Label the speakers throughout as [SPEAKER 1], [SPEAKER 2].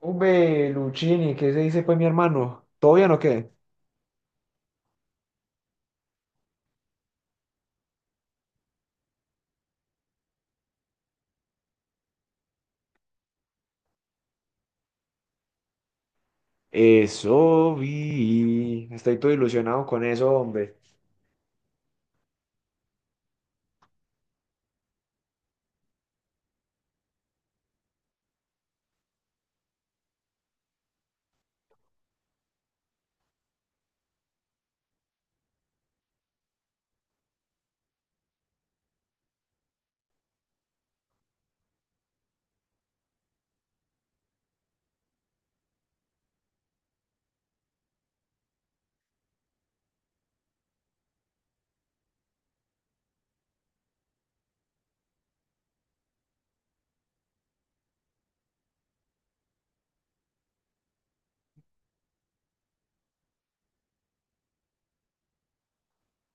[SPEAKER 1] Ube, Luchini, ¿qué se dice pues mi hermano? ¿Todo bien o qué? Eso vi. Estoy todo ilusionado con eso, hombre.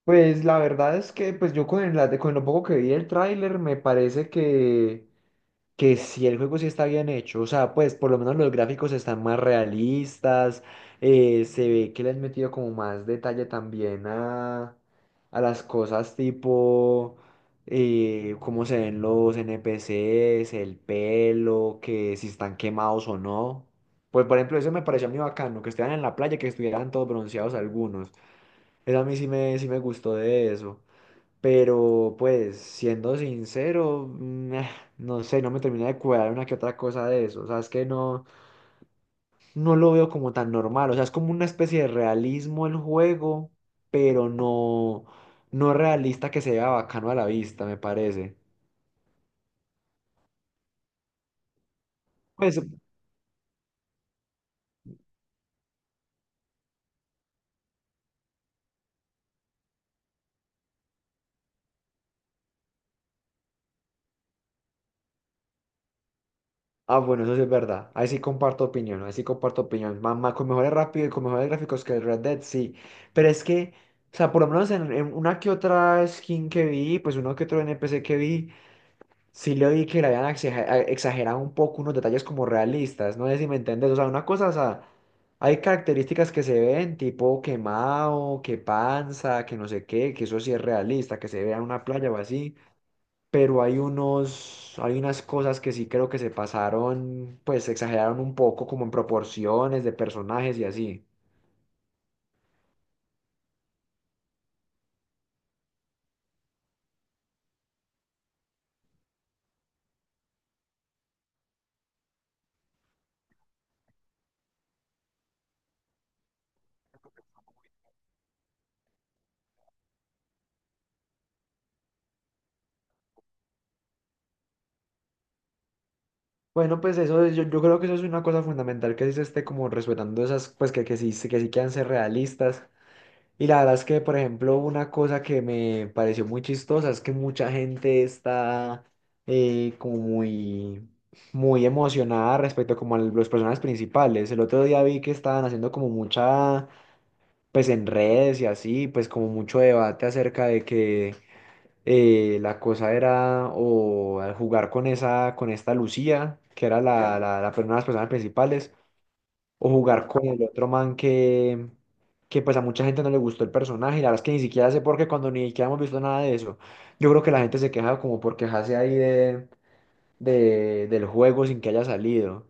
[SPEAKER 1] Pues la verdad es que pues yo con lo poco que vi del tráiler me parece que si el juego sí está bien hecho, o sea, pues por lo menos los gráficos están más realistas. Se ve que le han metido como más detalle también a las cosas tipo cómo se ven los NPCs, el pelo, que si están quemados o no. Pues por ejemplo, eso me pareció muy bacano, que estuvieran en la playa, que estuvieran todos bronceados algunos. Eso a mí sí me gustó de eso. Pero pues, siendo sincero, no sé, no me termina de cuadrar una que otra cosa de eso. O sea, es que no lo veo como tan normal. O sea, es como una especie de realismo el juego, pero no realista que se vea bacano a la vista, me parece. Pues, bueno, eso sí es verdad. Ahí sí comparto opinión, ahí sí comparto opinión. Mamá, con mejores rápido y con mejores gráficos que el Red Dead, sí. Pero es que, o sea, por lo menos en una que otra skin que vi, pues uno que otro NPC que vi. Sí le oí que le habían exagerado un poco unos detalles como realistas, no sé si me entendés, o sea, una cosa, o sea, hay características que se ven, tipo quemado, que panza, que no sé qué, que eso sí es realista, que se vea en una playa o así, pero hay unos, hay unas cosas que sí creo que se pasaron, pues exageraron un poco como en proporciones de personajes y así. Bueno, pues yo creo que eso es una cosa fundamental que sí se esté como respetando esas, pues que sí, que sí quieran ser realistas. Y la verdad es que, por ejemplo, una cosa que me pareció muy chistosa es que mucha gente está como muy, muy emocionada respecto como a los personajes principales. El otro día vi que estaban haciendo como mucha, pues en redes y así, pues como mucho debate acerca de que la cosa era o al jugar con esa, con esta Lucía, que era una de las personas principales o jugar con el otro man que pues a mucha gente no le gustó el personaje, y la verdad es que ni siquiera sé por qué cuando ni siquiera hemos visto nada de eso. Yo creo que la gente se queja como por quejarse ahí del juego sin que haya salido.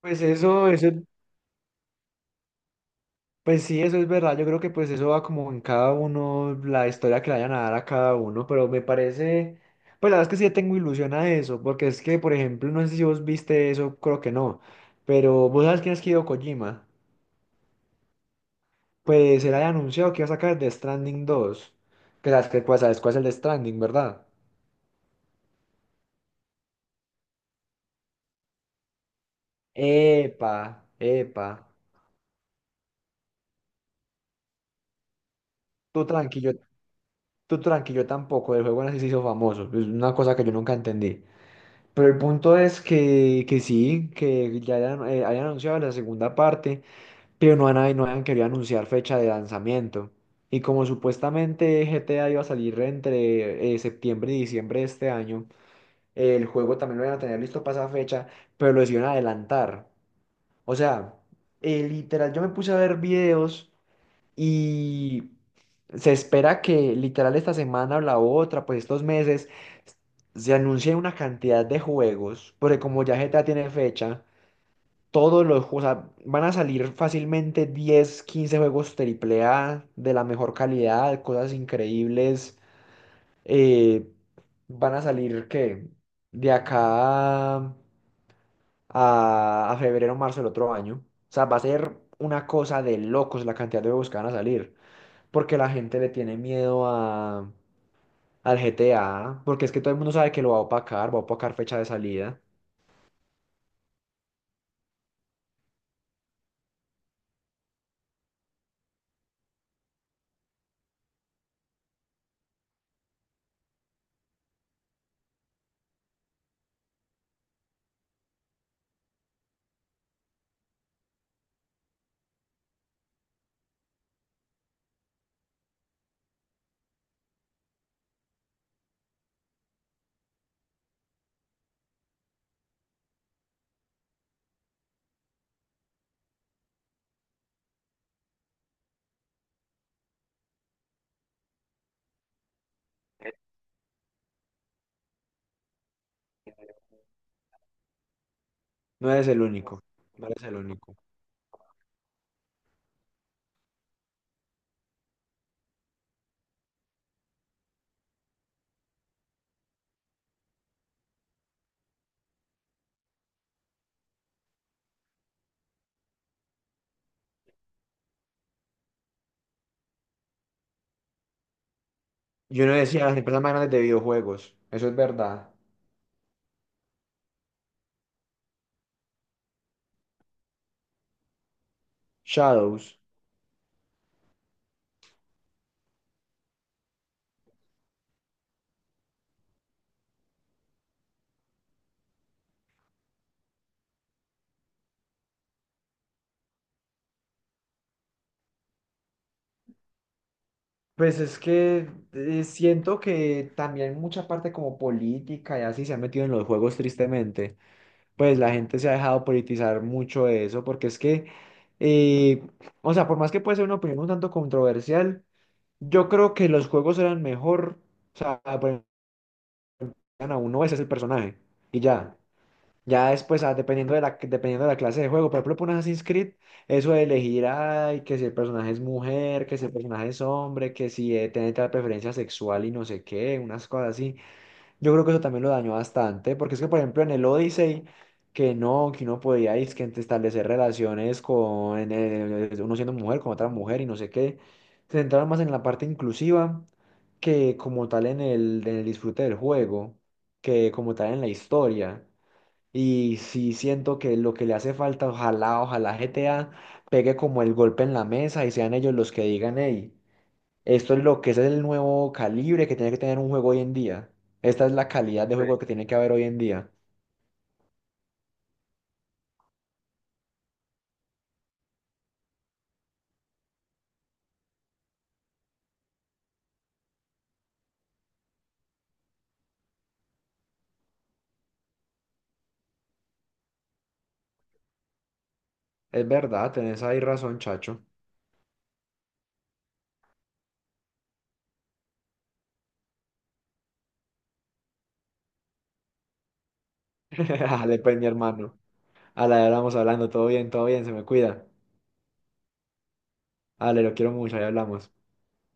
[SPEAKER 1] Pues eso, pues sí, eso es verdad. Yo creo que pues eso va como en cada uno, la historia que le vayan a dar a cada uno, pero me parece, pues la verdad es que sí tengo ilusión a eso, porque es que, por ejemplo, no sé si vos viste eso, creo que no, pero vos sabes quién es Hideo Kojima. Pues él había anunciado que iba a sacar The Stranding 2. Que sabes que pues, sabes cuál es el The Stranding, ¿verdad? Epa, epa. Tú tranquilo, tú tranquilo tampoco. El juego así se hizo famoso. Es una cosa que yo nunca entendí. Pero el punto es que sí, que ya hayan anunciado la segunda parte, pero no han querido anunciar fecha de lanzamiento. Y como supuestamente GTA iba a salir entre septiembre y diciembre de este año. El juego también lo iban a tener listo para esa fecha, pero lo decidieron adelantar. O sea, literal, yo me puse a ver videos y se espera que literal esta semana o la otra, pues estos meses, se anuncie una cantidad de juegos, porque como ya GTA tiene fecha, todos los juegos, o sea, van a salir fácilmente 10-15 juegos triple A de la mejor calidad, cosas increíbles. eh, Van a salir, ¿qué? De acá a febrero o marzo del otro año. O sea, va a ser una cosa de locos la cantidad de juegos que van a salir, porque la gente le tiene miedo a, al GTA, porque es que todo el mundo sabe que lo va a opacar fecha de salida. No eres el único, no eres el único. Yo no decía las empresas más grandes de videojuegos, eso es verdad. Shadows. Pues es que siento que también mucha parte como política y así se ha metido en los juegos tristemente. Pues la gente se ha dejado politizar mucho de eso, porque es que, eh, o sea, por más que puede ser una opinión un tanto controversial, yo creo que los juegos eran mejor, o sea, ponían a uno, ese es el personaje, y ya. Ya después, dependiendo de la clase de juego, por ejemplo, por un Assassin's Creed, eso de elegir, ay, que si el personaje es mujer, que si el personaje es hombre, que si tiene tal preferencia sexual y no sé qué, unas cosas así. Yo creo que eso también lo dañó bastante, porque es que, por ejemplo, en el Odyssey, que no, que uno podía es que establecer relaciones con uno siendo mujer, con otra mujer y no sé qué, se centraron más en la parte inclusiva que como tal en el disfrute del juego, que como tal en la historia. Y sí siento que lo que le hace falta, ojalá, ojalá GTA pegue como el golpe en la mesa y sean ellos los que digan, hey. Esto es lo que ese es el nuevo calibre que tiene que tener un juego hoy en día. Esta es la calidad de, sí, juego que tiene que haber hoy en día. Es verdad, tenés ahí razón, chacho. Ale pues, mi hermano. A la hora vamos hablando, todo bien, se me cuida. Ale lo quiero mucho, ya hablamos.